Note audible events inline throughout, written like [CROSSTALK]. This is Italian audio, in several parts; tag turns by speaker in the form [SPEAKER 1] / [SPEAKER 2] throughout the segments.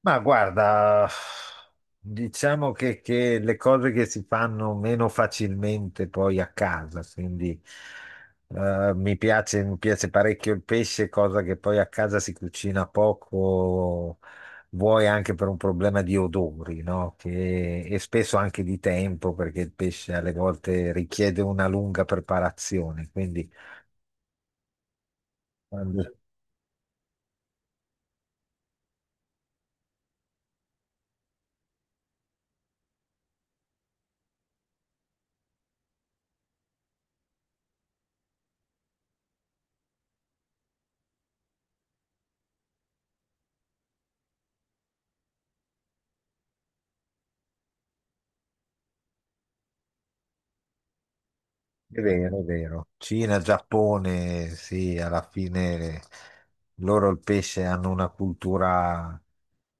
[SPEAKER 1] Ma guarda, diciamo che le cose che si fanno meno facilmente poi a casa, quindi mi piace parecchio il pesce, cosa che poi a casa si cucina poco, vuoi anche per un problema di odori, no? E spesso anche di tempo, perché il pesce alle volte richiede una lunga preparazione, quindi quando è vero, è vero. Cina, Giappone, sì, alla fine loro il pesce hanno una cultura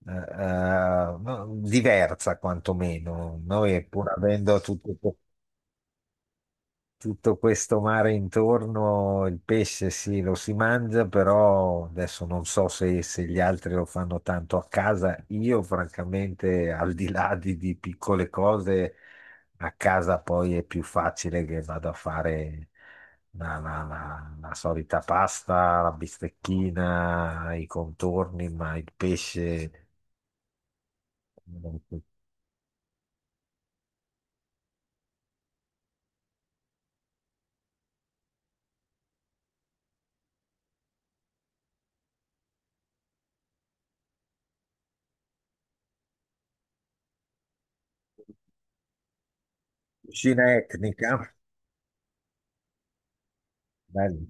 [SPEAKER 1] eh, eh, no, diversa quantomeno. Noi, pur avendo tutto questo mare intorno, il pesce sì, lo si mangia, però adesso non so se gli altri lo fanno tanto a casa. Io, francamente, al di là di piccole cose, a casa poi è più facile che vado a fare la solita pasta, la bistecchina, i contorni, ma il pesce. Cucina etnica, bello.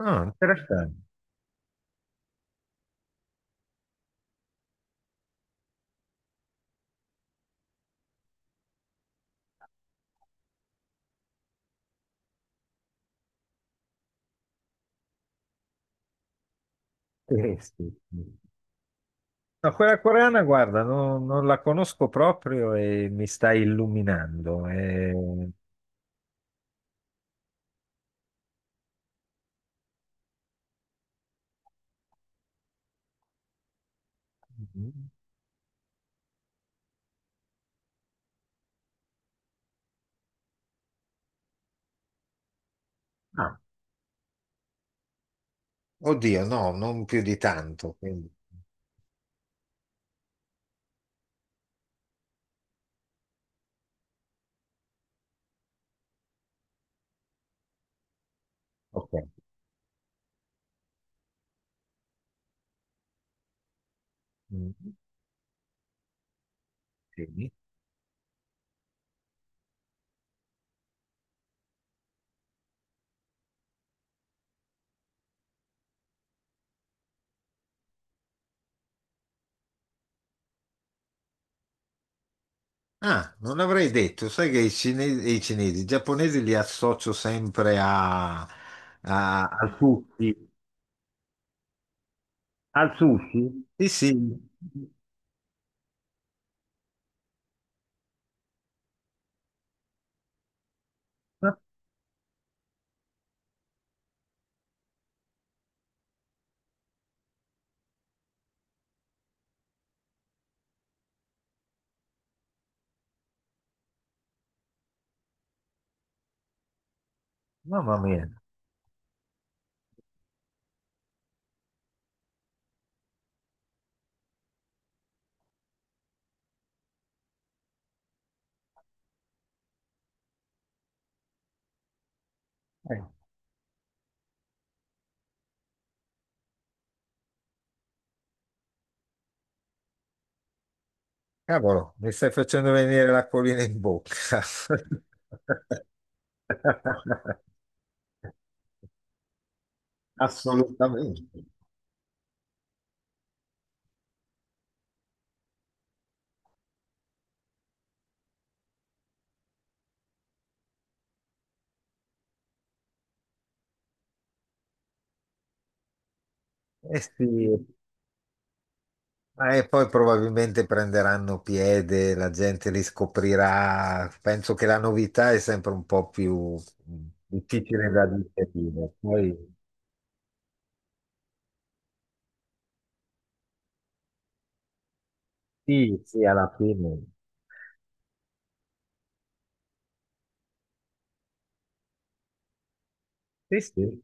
[SPEAKER 1] Ah, interessante. Sì, sì, sì. No, quella coreana, guarda, non la conosco proprio e mi sta illuminando. E... Ah, oddio, no, non più di tanto, quindi, ok. Mm, sì. Ah, non l'avrei detto, sai che i giapponesi li associo sempre a, al sushi. Al sushi? Sì, sì. Ma- Mamma mia. Eh, Cavolo, mi stai facendo venire l'acquolina in bocca. [LAUGHS] Assolutamente. Eh sì, ma e poi probabilmente prenderanno piede, la gente li scoprirà. Penso che la novità è sempre un po' più difficile da digerire. Poi sì, sì, alla fine. Sì, sì.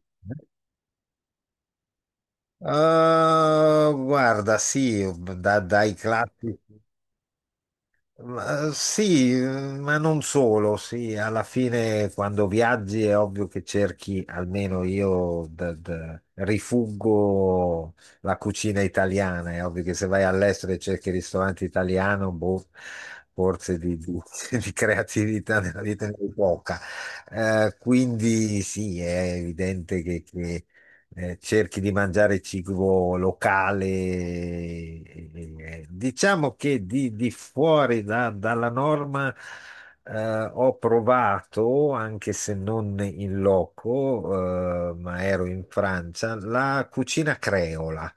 [SPEAKER 1] Guarda, sì, dai classici. Ma, eh, sì, eh, ma non solo, sì, alla fine quando viaggi è ovvio che cerchi, almeno io rifuggo la cucina italiana, è ovvio che se vai all'estero e cerchi il ristorante italiano, boh, forse [LAUGHS] di creatività nella vita ne hai poca. Quindi sì, è evidente che, cerchi di mangiare cibo locale. Diciamo che di fuori dalla norma ho provato, anche se non in loco, ma ero in Francia, la cucina creola,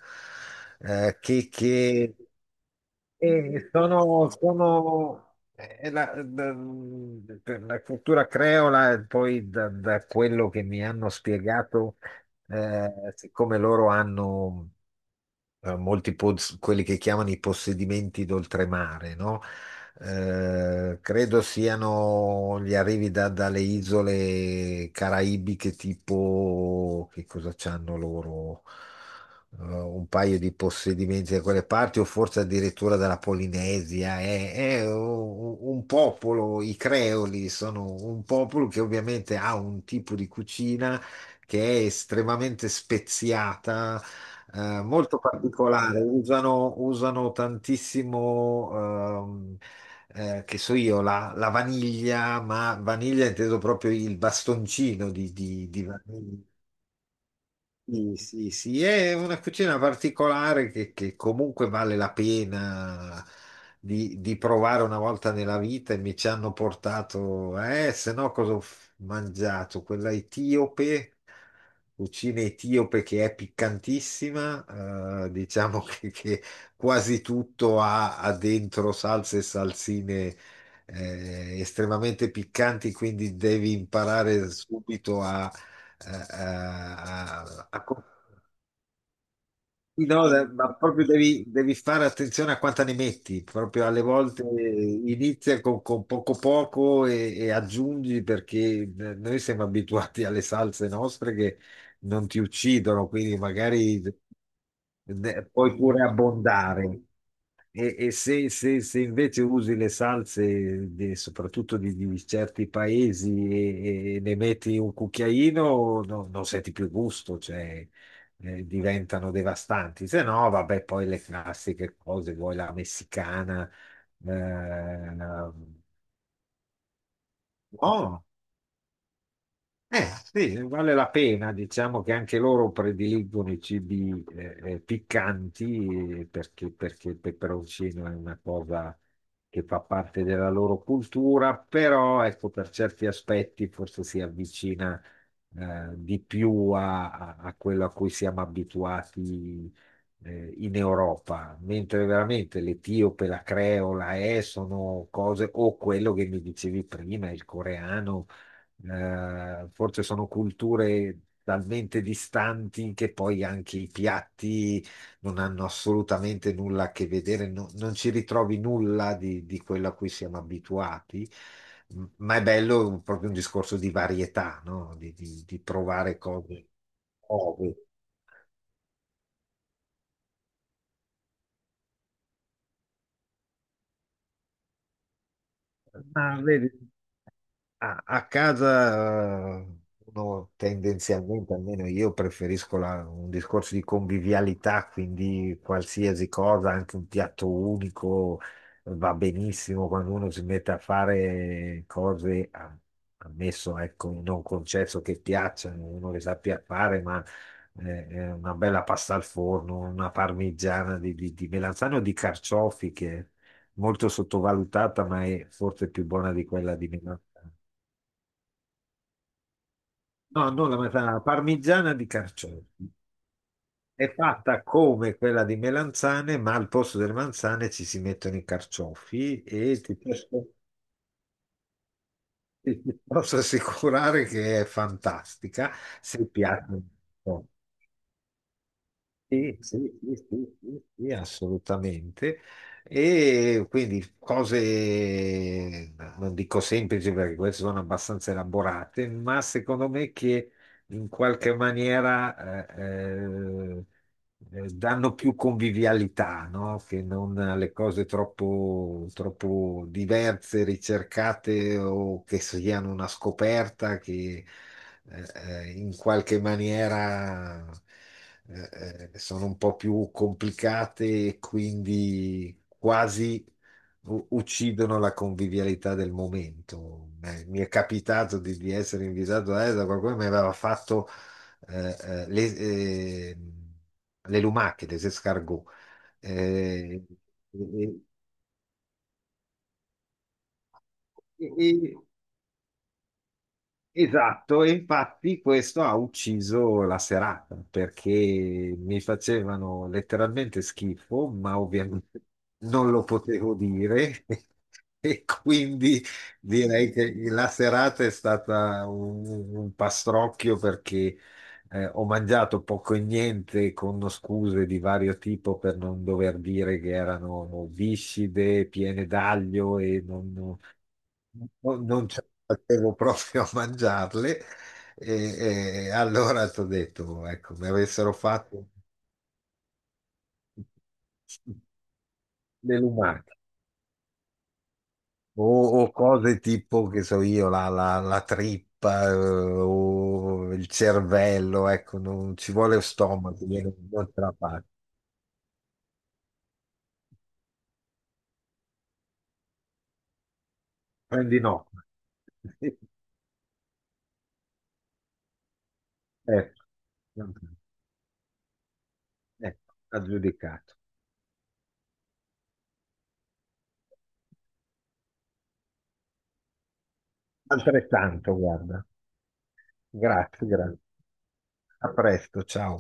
[SPEAKER 1] che e sono per la cultura creola, e poi da quello che mi hanno spiegato, siccome loro hanno molti quelli che chiamano i possedimenti d'oltremare, no? Credo siano gli arrivi dalle isole caraibiche, tipo che cosa c'hanno loro? Un paio di possedimenti da quelle parti, o forse addirittura dalla Polinesia. Un popolo, i creoli sono un popolo che ovviamente ha un tipo di cucina che è estremamente speziata, molto particolare, usano tantissimo, che so io, la vaniglia, ma vaniglia inteso proprio il bastoncino di vaniglia. Sì, sì, sì, è una cucina particolare che comunque vale la pena di provare una volta nella vita e mi ci hanno portato, se no cosa ho mangiato? Quella etiope, cucina etiope che è piccantissima, diciamo che quasi tutto ha dentro salse e salsine estremamente piccanti, quindi devi imparare subito eh, eh, a, a no, ma proprio devi fare attenzione a quanta ne metti, proprio alle volte inizia con poco poco e aggiungi perché noi siamo abituati alle salse nostre che non ti uccidono, quindi magari puoi pure abbondare. Se invece usi le salse, soprattutto di certi paesi, e ne metti un cucchiaino, non senti più gusto, cioè, diventano devastanti. Se no, vabbè, poi le classiche cose, vuoi la messicana, eh, no, eh, sì, vale la pena, diciamo che anche loro prediligono i cibi piccanti perché il peperoncino è una cosa che fa parte della loro cultura, però ecco, per certi aspetti forse si avvicina di più a, a quello a cui siamo abituati in Europa, mentre veramente l'etiope, la creola, sono cose, o quello che mi dicevi prima, il coreano forse sono culture talmente distanti che poi anche i piatti non hanno assolutamente nulla a che vedere, non ci ritrovi nulla di quello a cui siamo abituati, ma è bello proprio un discorso di varietà, no? Di provare cose nuove. Ma vedi? A, a casa uno tendenzialmente, almeno io preferisco un discorso di convivialità, quindi qualsiasi cosa, anche un piatto unico va benissimo quando uno si mette a fare cose, ammesso, ecco, non concesso che piacciono, uno le sappia fare, ma una bella pasta al forno, una parmigiana di melanzane o di carciofi che è molto sottovalutata, ma è forse più buona di quella di melanzane. No, non la melanzana, la parmigiana di carciofi. È fatta come quella di melanzane, ma al posto delle manzane ci si mettono i carciofi e ti posso assicurare che è fantastica, se piace. Sì, sì, sì, sì, sì, sì, assolutamente. E quindi cose, non dico semplici perché queste sono abbastanza elaborate, ma secondo me che in qualche maniera... danno più convivialità, no? Che non le cose troppo, troppo diverse, ricercate o che siano una scoperta che in qualche maniera sono un po' più complicate e quindi quasi uccidono la convivialità del momento. Mi è capitato di essere invitato a ESA, qualcuno mi aveva fatto eh, eh, le, eh, le lumache, les escargots. Eh, e- e- e- Esatto, e infatti questo ha ucciso la serata perché mi facevano letteralmente schifo, ma ovviamente [LAUGHS] non lo potevo dire [LAUGHS] e quindi direi che la serata è stata un pastrocchio perché ho mangiato poco e niente con scuse di vario tipo per non dover dire che erano viscide, piene d'aglio e non non ce la facevo [LAUGHS] proprio a mangiarle e allora ti ho detto, ecco, mi avessero fatto [LAUGHS] le lumache o cose tipo, che so io, la trippa o il cervello, ecco, non ci vuole lo stomaco, io non ce la faccio. Prendi no. [LAUGHS] Ecco, ecco, aggiudicato. Altrettanto, guarda. Grazie, grazie. A presto, ciao.